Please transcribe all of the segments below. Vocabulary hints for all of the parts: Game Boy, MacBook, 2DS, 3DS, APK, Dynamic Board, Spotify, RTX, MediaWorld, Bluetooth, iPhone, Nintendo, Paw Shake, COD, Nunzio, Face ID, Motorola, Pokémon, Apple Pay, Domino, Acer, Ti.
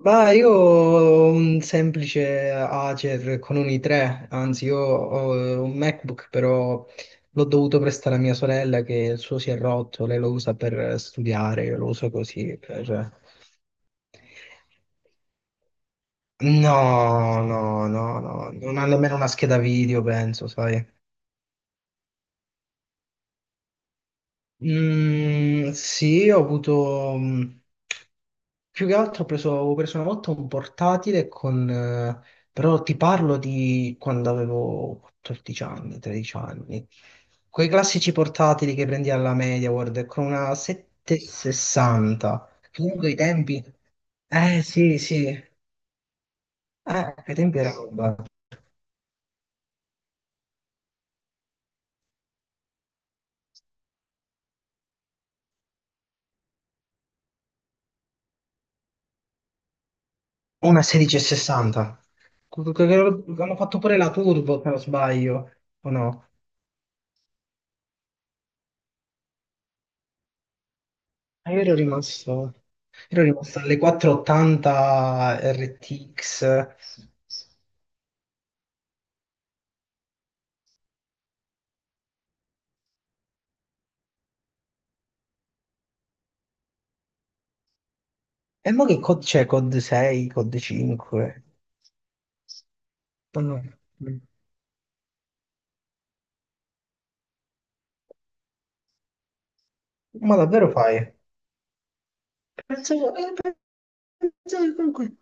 Ma io ho un semplice Acer con un i3. Anzi, io ho un MacBook, però l'ho dovuto prestare a mia sorella che il suo si è rotto. Lei lo usa per studiare, io lo uso così per. No, no, no, no, non ha nemmeno una scheda video, penso, sai. Mm, sì, ho avuto, più che altro avevo preso una volta un portatile con, però ti parlo di quando avevo 14 anni, 13 anni. Quei classici portatili che prendi alla MediaWorld con una 760. Comunque i tempi. Eh sì, sì. Ai tempi era roba. Una 1660. Che hanno fatto pure la Turbo, se non sbaglio, o no? Ah, io ero rimasto alle 480 RTX. E mo che COD c'è? COD 6, COD 5? No, no. Ma davvero fai? Pensavo, eh, pensavo che comunque.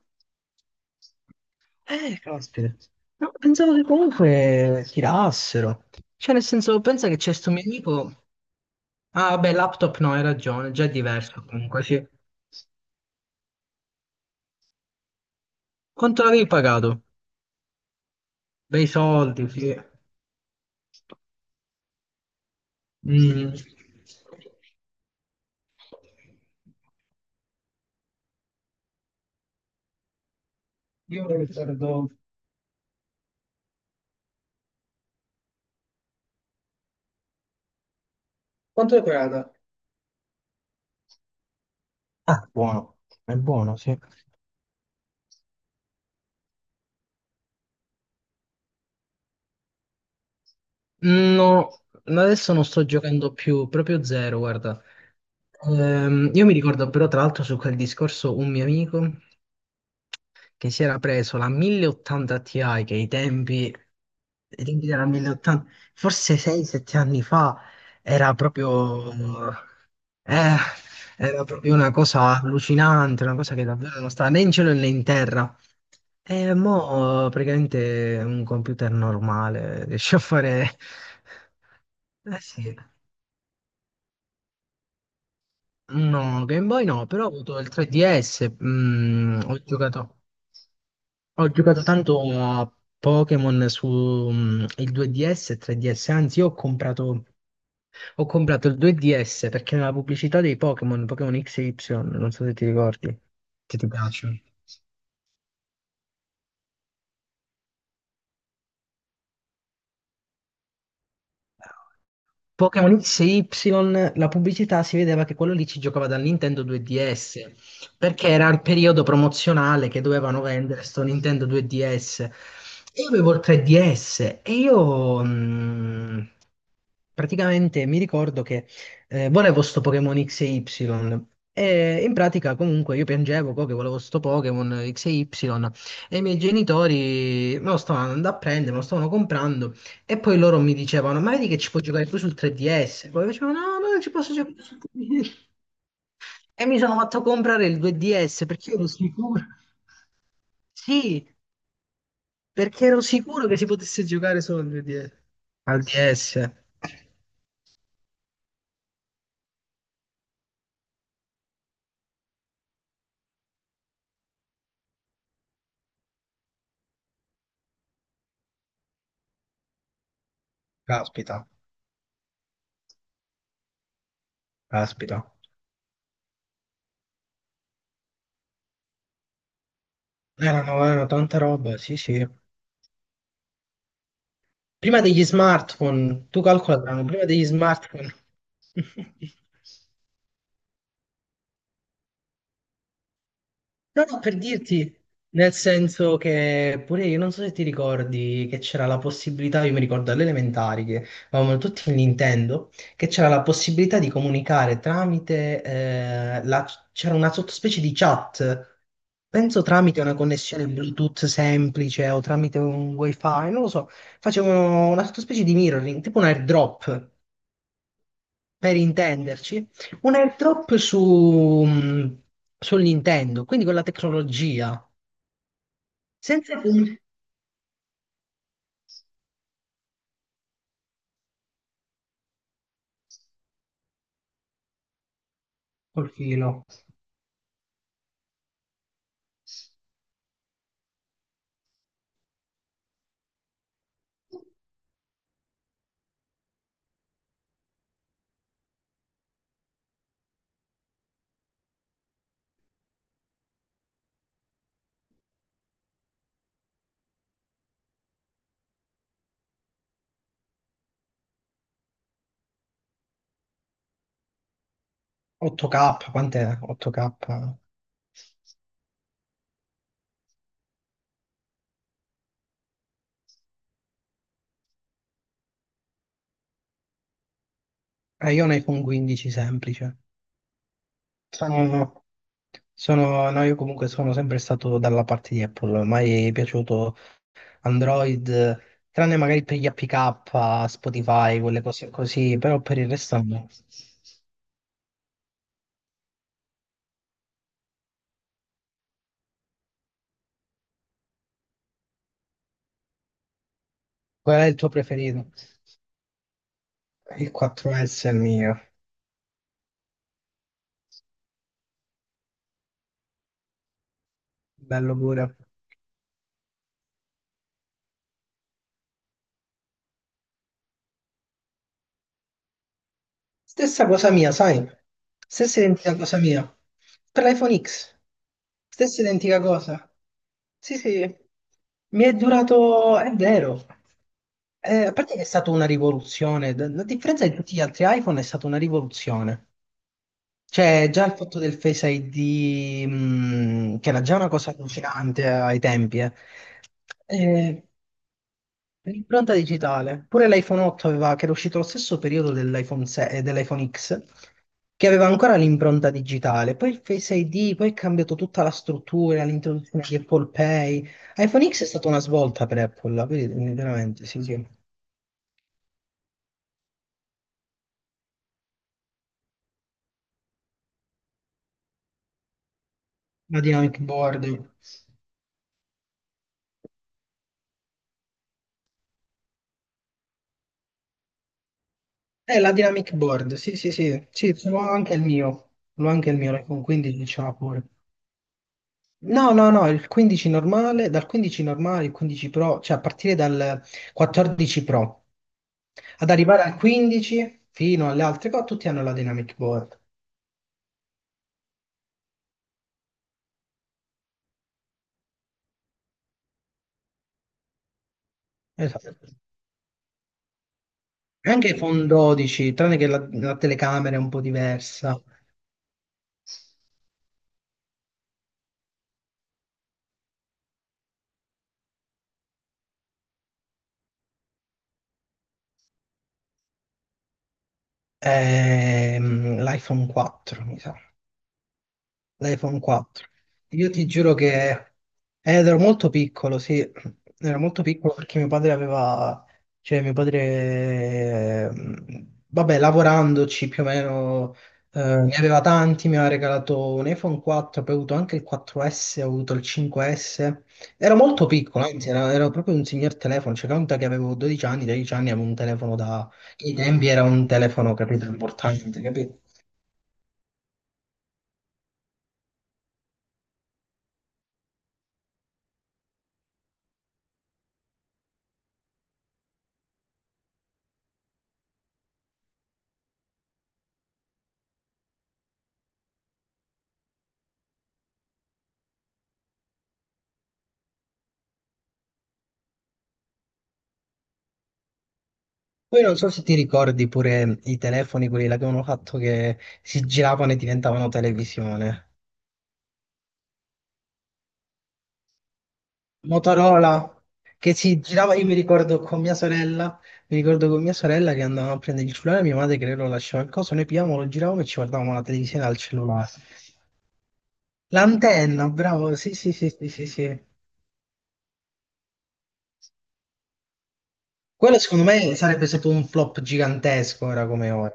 Caspita. No, pensavo che comunque tirassero. Cioè, nel senso, pensa che c'è sto mio amico. Ah, beh, laptop no, hai ragione, già è diverso comunque, sì. Quanto l'avevi pagato? Bei soldi, sì. Mm. Io non ricordo. Quanto è pagata? Ah, buono, è buono, sì. No, adesso non sto giocando più, proprio zero, guarda. Io mi ricordo però, tra l'altro, su quel discorso un mio amico che si era preso la 1080 Ti, che i tempi, della 1080, forse 6-7 anni fa, era proprio, eh, era proprio una cosa allucinante, una cosa che davvero non sta né in cielo né in terra. E mo' praticamente un computer normale riesce a fare. Eh sì, no, Game Boy no, però ho avuto il 3DS, ho giocato. Ho giocato tanto a Pokémon il 2DS e 3DS. Anzi, io ho comprato il 2DS perché nella pubblicità Pokémon X e Y, non so se ti ricordi, se ti piacciono. Pokémon XY, la pubblicità si vedeva che quello lì ci giocava dal Nintendo 2DS, perché era il periodo promozionale che dovevano vendere sto Nintendo 2DS. E io avevo il 3DS e io praticamente mi ricordo che volevo sto Pokémon XY. E Y. E in pratica comunque io piangevo co che volevo sto Pokémon XY e Y, e i miei genitori me lo stavano andando a prendere, me lo stavano comprando. E poi loro mi dicevano, ma vedi che ci puoi giocare tu sul 3DS? Poi io dicevo, no, no, non ci posso giocare sul 3DS. E mi sono fatto comprare il 2DS perché ero sicuro. Sì, perché ero sicuro che si potesse giocare solo al 2DS. Al DS. Caspita, caspita. Erano tante robe, sì, sì. Prima degli smartphone, tu calcola, erano prima degli smartphone. No, no, per dirti, nel senso che pure io, non so se ti ricordi che c'era la possibilità, io mi ricordo alle elementari che avevamo tutti il Nintendo, che c'era la possibilità di comunicare tramite, c'era una sottospecie di chat, penso tramite una connessione Bluetooth semplice o tramite un wifi, non lo so, facevano una sottospecie di mirroring, tipo un airdrop, per intenderci, un airdrop sul Nintendo, quindi con la tecnologia. Senza punti. Col filo. 8K, quant'è? 8K. Io ne con 15 semplice. Sono, no, io comunque sono sempre stato dalla parte di Apple, mai è piaciuto Android, tranne magari per gli APK, Spotify, quelle cose così, però per il resto no. Qual è il tuo preferito? Il 4S è il mio. Bello pure. Stessa cosa mia, sai? Stessa identica cosa mia. Per l'iPhone X. Stessa identica cosa. Sì, sì. Mi è durato. È vero. A parte che è stata una rivoluzione, a differenza di tutti gli altri iPhone è stata una rivoluzione. Cioè, già il fatto del Face ID, che era già una cosa allucinante ai tempi, eh. Eh, L'impronta digitale. Pure l'iPhone 8 aveva, che era uscito allo stesso periodo dell'iPhone 6 e dell'iPhone X, che aveva ancora l'impronta digitale. Poi il Face ID, poi è cambiato tutta la struttura, l'introduzione di Apple Pay. iPhone X è stata una svolta per Apple, vedi, veramente, sì, sì. La Dynamic Board. La Dynamic Board, sì, sì, sì. Sì, ce l'ho anche il mio. L'ho anche il mio, l'iPhone 15 ce l'ha pure. No, no, no, il 15 normale, dal 15 normale, il 15 Pro, cioè a partire dal 14 Pro ad arrivare al 15 fino alle altre cose, tutti hanno la Dynamic Board. Esatto. Anche iPhone 12, tranne che la telecamera è un po' diversa. L'iPhone 4, mi sa. L'iPhone 4. Io ti giuro che, ed ero molto piccolo, sì, ero molto piccolo perché mio padre aveva, cioè mio padre, eh, vabbè, lavorandoci più o meno, ne aveva tanti, mi aveva regalato un iPhone 4, poi ho avuto anche il 4S, ho avuto il 5S. Ero molto piccolo. Anzi, ero proprio un signor telefono, cioè conta che avevo 12 anni, 13 anni, avevo un telefono da. I tempi era un telefono, capito, importante, capito? Poi non so se ti ricordi pure i telefoni, quelli là che avevano fatto che si giravano e diventavano televisione. Motorola, che si girava, io mi ricordo con mia sorella, che andavamo a prendere il cellulare, mia madre che lo lasciava, il coso, noi pigliavamo, lo giravamo e ci guardavamo la televisione al cellulare. L'antenna, bravo, sì, sì, sì, sì, sì, sì. Quello secondo me sarebbe stato un flop gigantesco ora come ora.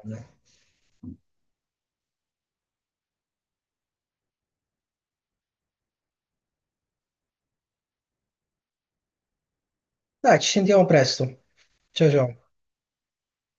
Dai, ci sentiamo presto. Ciao ciao.